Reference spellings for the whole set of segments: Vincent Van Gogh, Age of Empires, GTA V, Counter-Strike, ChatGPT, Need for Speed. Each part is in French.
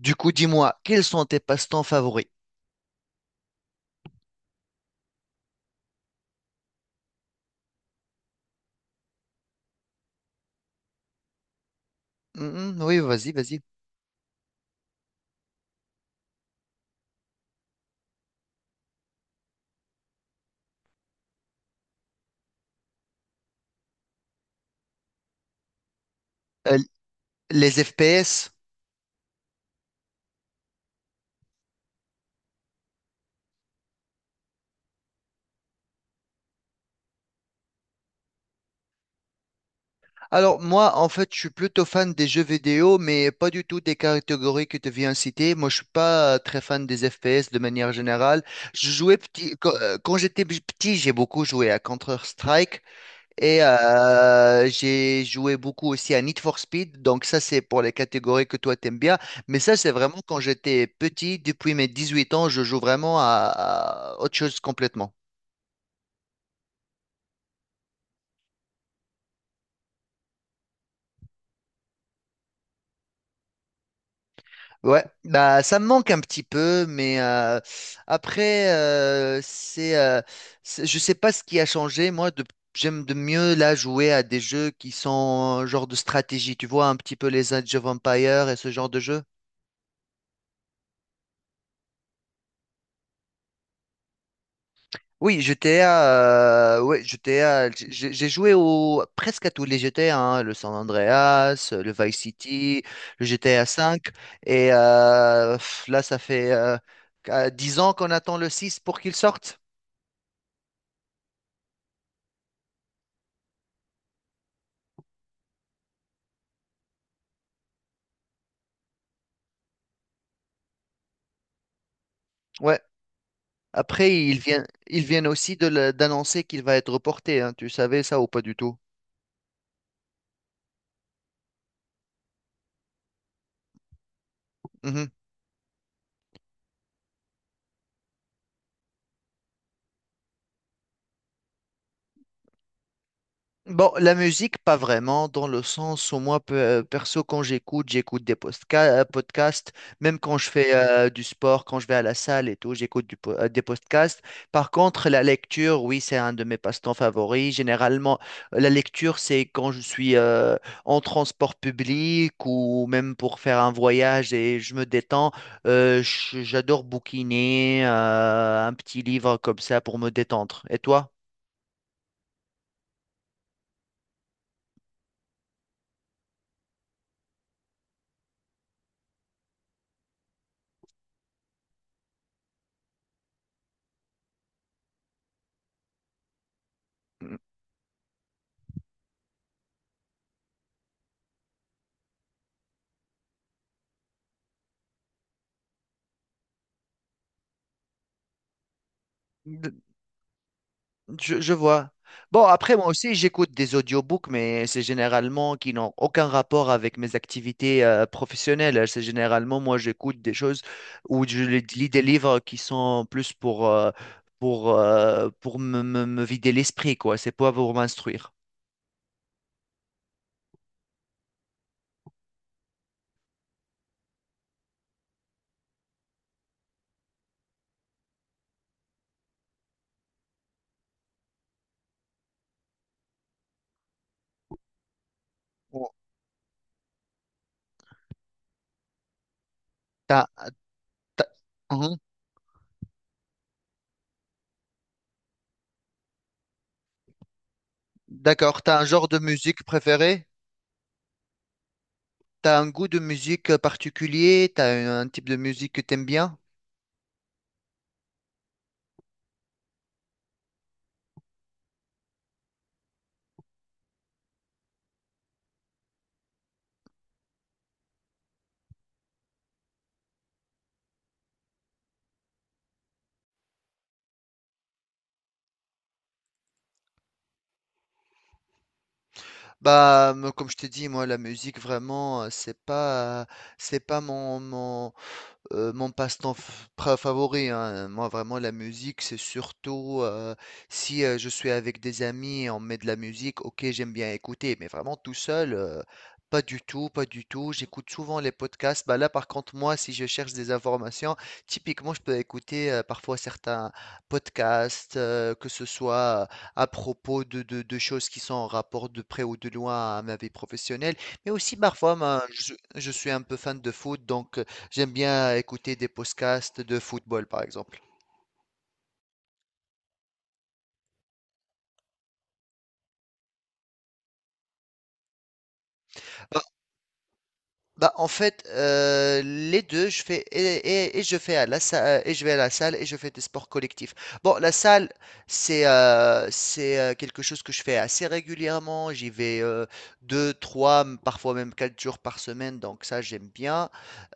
Du coup, dis-moi, quels sont tes passe-temps favoris? Mhm, oui, vas-y, vas-y. Euh, les FPS? Alors, moi, en fait, je suis plutôt fan des jeux vidéo, mais pas du tout des catégories que tu viens citer. Moi, je suis pas très fan des FPS de manière générale. Je jouais petit, quand j'étais petit, j'ai beaucoup joué à Counter-Strike. Et j'ai joué beaucoup aussi à Need for Speed. Donc ça, c'est pour les catégories que toi, t'aimes bien. Mais ça, c'est vraiment quand j'étais petit. Depuis mes 18 ans, je joue vraiment à autre chose complètement. Ouais, bah ça me manque un petit peu, mais après je sais pas ce qui a changé. Moi, j'aime de mieux là jouer à des jeux qui sont genre de stratégie. Tu vois un petit peu les Age of Empires et ce genre de jeu. Oui, GTA, ouais, GTA, j'ai joué presque à tous les GTA, hein, le San Andreas, le Vice City, le GTA V, et là, ça fait 10 ans qu'on attend le 6 pour qu'il sorte. Ouais. Après, ils viennent aussi d'annoncer qu'il va être reporté, hein. Tu savais ça ou pas du tout? Bon, la musique, pas vraiment, dans le sens où moi, perso, quand j'écoute des podcasts, même quand je fais du sport, quand je vais à la salle et tout, j'écoute des podcasts. Par contre, la lecture, oui, c'est un de mes passe-temps favoris. Généralement, la lecture, c'est quand je suis en transport public ou même pour faire un voyage et je me détends. J'adore bouquiner un petit livre comme ça pour me détendre. Et toi? Je vois. Bon, après, moi aussi, j'écoute des audiobooks, mais c'est généralement qui n'ont aucun rapport avec mes activités professionnelles. C'est généralement, moi, j'écoute des choses ou lis des livres qui sont plus pour me vider l'esprit, quoi. C'est pas pour m'instruire. Oh. T'as- t'as- Mhm. D'accord, t'as un genre de musique préféré? T'as un goût de musique particulier? T'as un type de musique que t'aimes bien? Bah, moi, comme je t'ai dit, moi, la musique, vraiment, c'est pas mon passe-temps f pra favori, hein, moi vraiment la musique, c'est surtout, si, je suis avec des amis et on met de la musique, OK, j'aime bien écouter, mais vraiment tout seul, pas du tout, pas du tout. J'écoute souvent les podcasts. Bah, là, par contre, moi, si je cherche des informations, typiquement, je peux écouter, parfois certains podcasts, que ce soit à propos de choses qui sont en rapport de près ou de loin à ma vie professionnelle, mais aussi parfois, ben, je suis un peu fan de foot, donc, j'aime bien écouter des podcasts de football, par exemple. Bah, en fait, les deux, je fais et je fais à la salle et je vais à la salle et je fais des sports collectifs. Bon, la salle, c'est quelque chose que je fais assez régulièrement. J'y vais deux, trois, parfois même 4 jours par semaine, donc ça j'aime bien.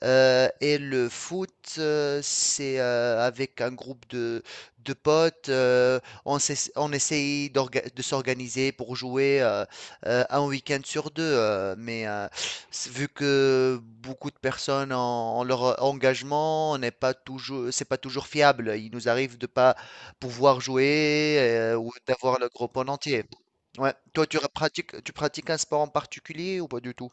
Et le foot, c'est avec un groupe de potes. On essaye de s'organiser pour jouer un week-end sur deux, mais vu que beaucoup de personnes en leur engagement n'est pas toujours, c'est pas toujours fiable. Il nous arrive de pas pouvoir jouer ou d'avoir le groupe en entier. Ouais. Toi, tu pratiques un sport en particulier ou pas du tout?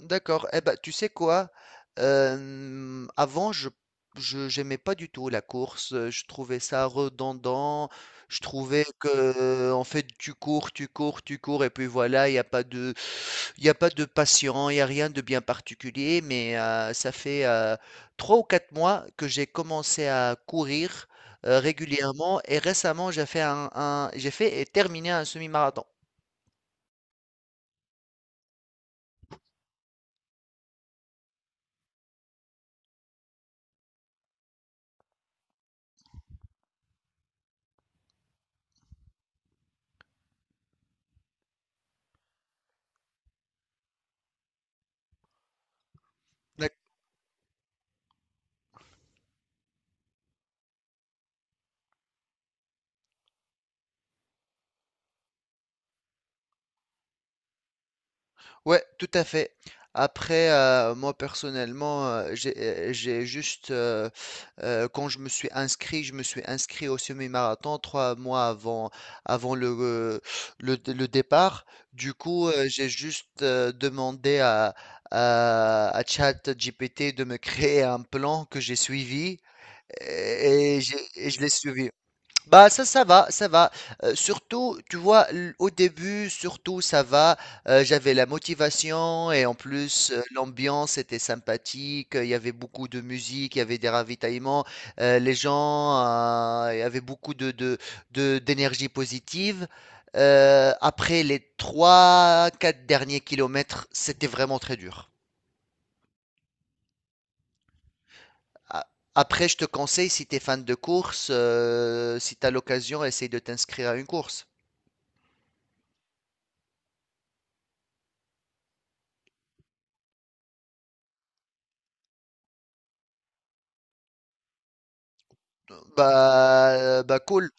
D'accord. Eh ben, tu sais quoi? Avant, je j'aimais pas du tout la course. Je trouvais ça redondant. Je trouvais que en fait, tu cours, tu cours, tu cours, et puis voilà, il n'y a pas de. Il n'y a pas de patient, il n'y a rien de bien particulier, mais ça fait 3 ou 4 mois que j'ai commencé à courir régulièrement et récemment j'ai fait j'ai fait et terminé un semi-marathon. Ouais, tout à fait. Après, moi personnellement, quand je me suis inscrit au semi-marathon 3 mois avant, avant le départ. Du coup, j'ai juste demandé à ChatGPT de me créer un plan que j'ai suivi et je l'ai suivi. Bah ça, ça va, ça va. Surtout, tu vois, au début, surtout, ça va. J'avais la motivation et en plus, l'ambiance était sympathique. Il y avait beaucoup de musique, il y avait des ravitaillements. Les gens, il y avait beaucoup d'énergie positive. Après les trois quatre derniers kilomètres, c'était vraiment très dur. A- Après, je te conseille, si tu es fan de course, si tu as l'occasion, essaye de t'inscrire à une course. Bah, bah cool,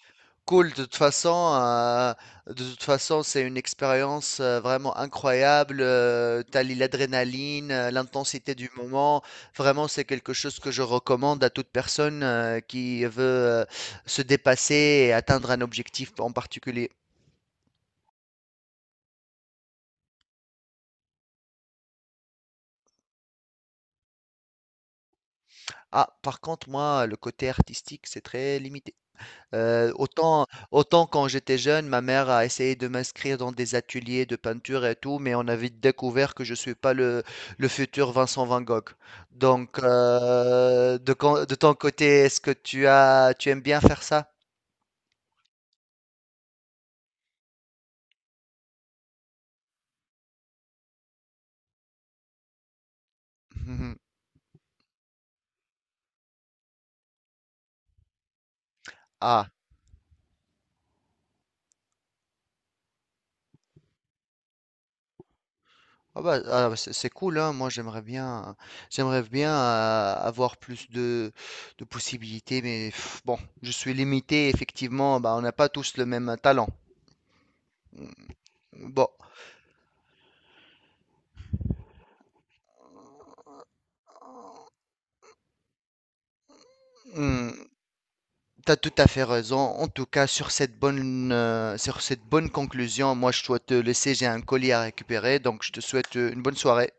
cool. De toute façon, c'est une expérience vraiment incroyable. L'adrénaline, l'intensité du moment. Vraiment, c'est quelque chose que je recommande à toute personne qui veut se dépasser et atteindre un objectif en particulier. Ah, par contre, moi, le côté artistique, c'est très limité. Autant quand j'étais jeune, ma mère a essayé de m'inscrire dans des ateliers de peinture et tout, mais on a vite découvert que je suis pas le futur Vincent Van Gogh. Donc, de ton côté, est-ce que tu aimes bien faire ça? Ah. Ah bah, c'est cool, hein. Moi j'aimerais bien avoir plus de possibilités, mais bon, je suis limité, effectivement, bah, on n'a pas tous le même talent. Bon, tu t'as tout à fait raison. En tout cas, sur cette bonne conclusion, moi je dois te laisser, j'ai un colis à récupérer, donc je te souhaite une bonne soirée.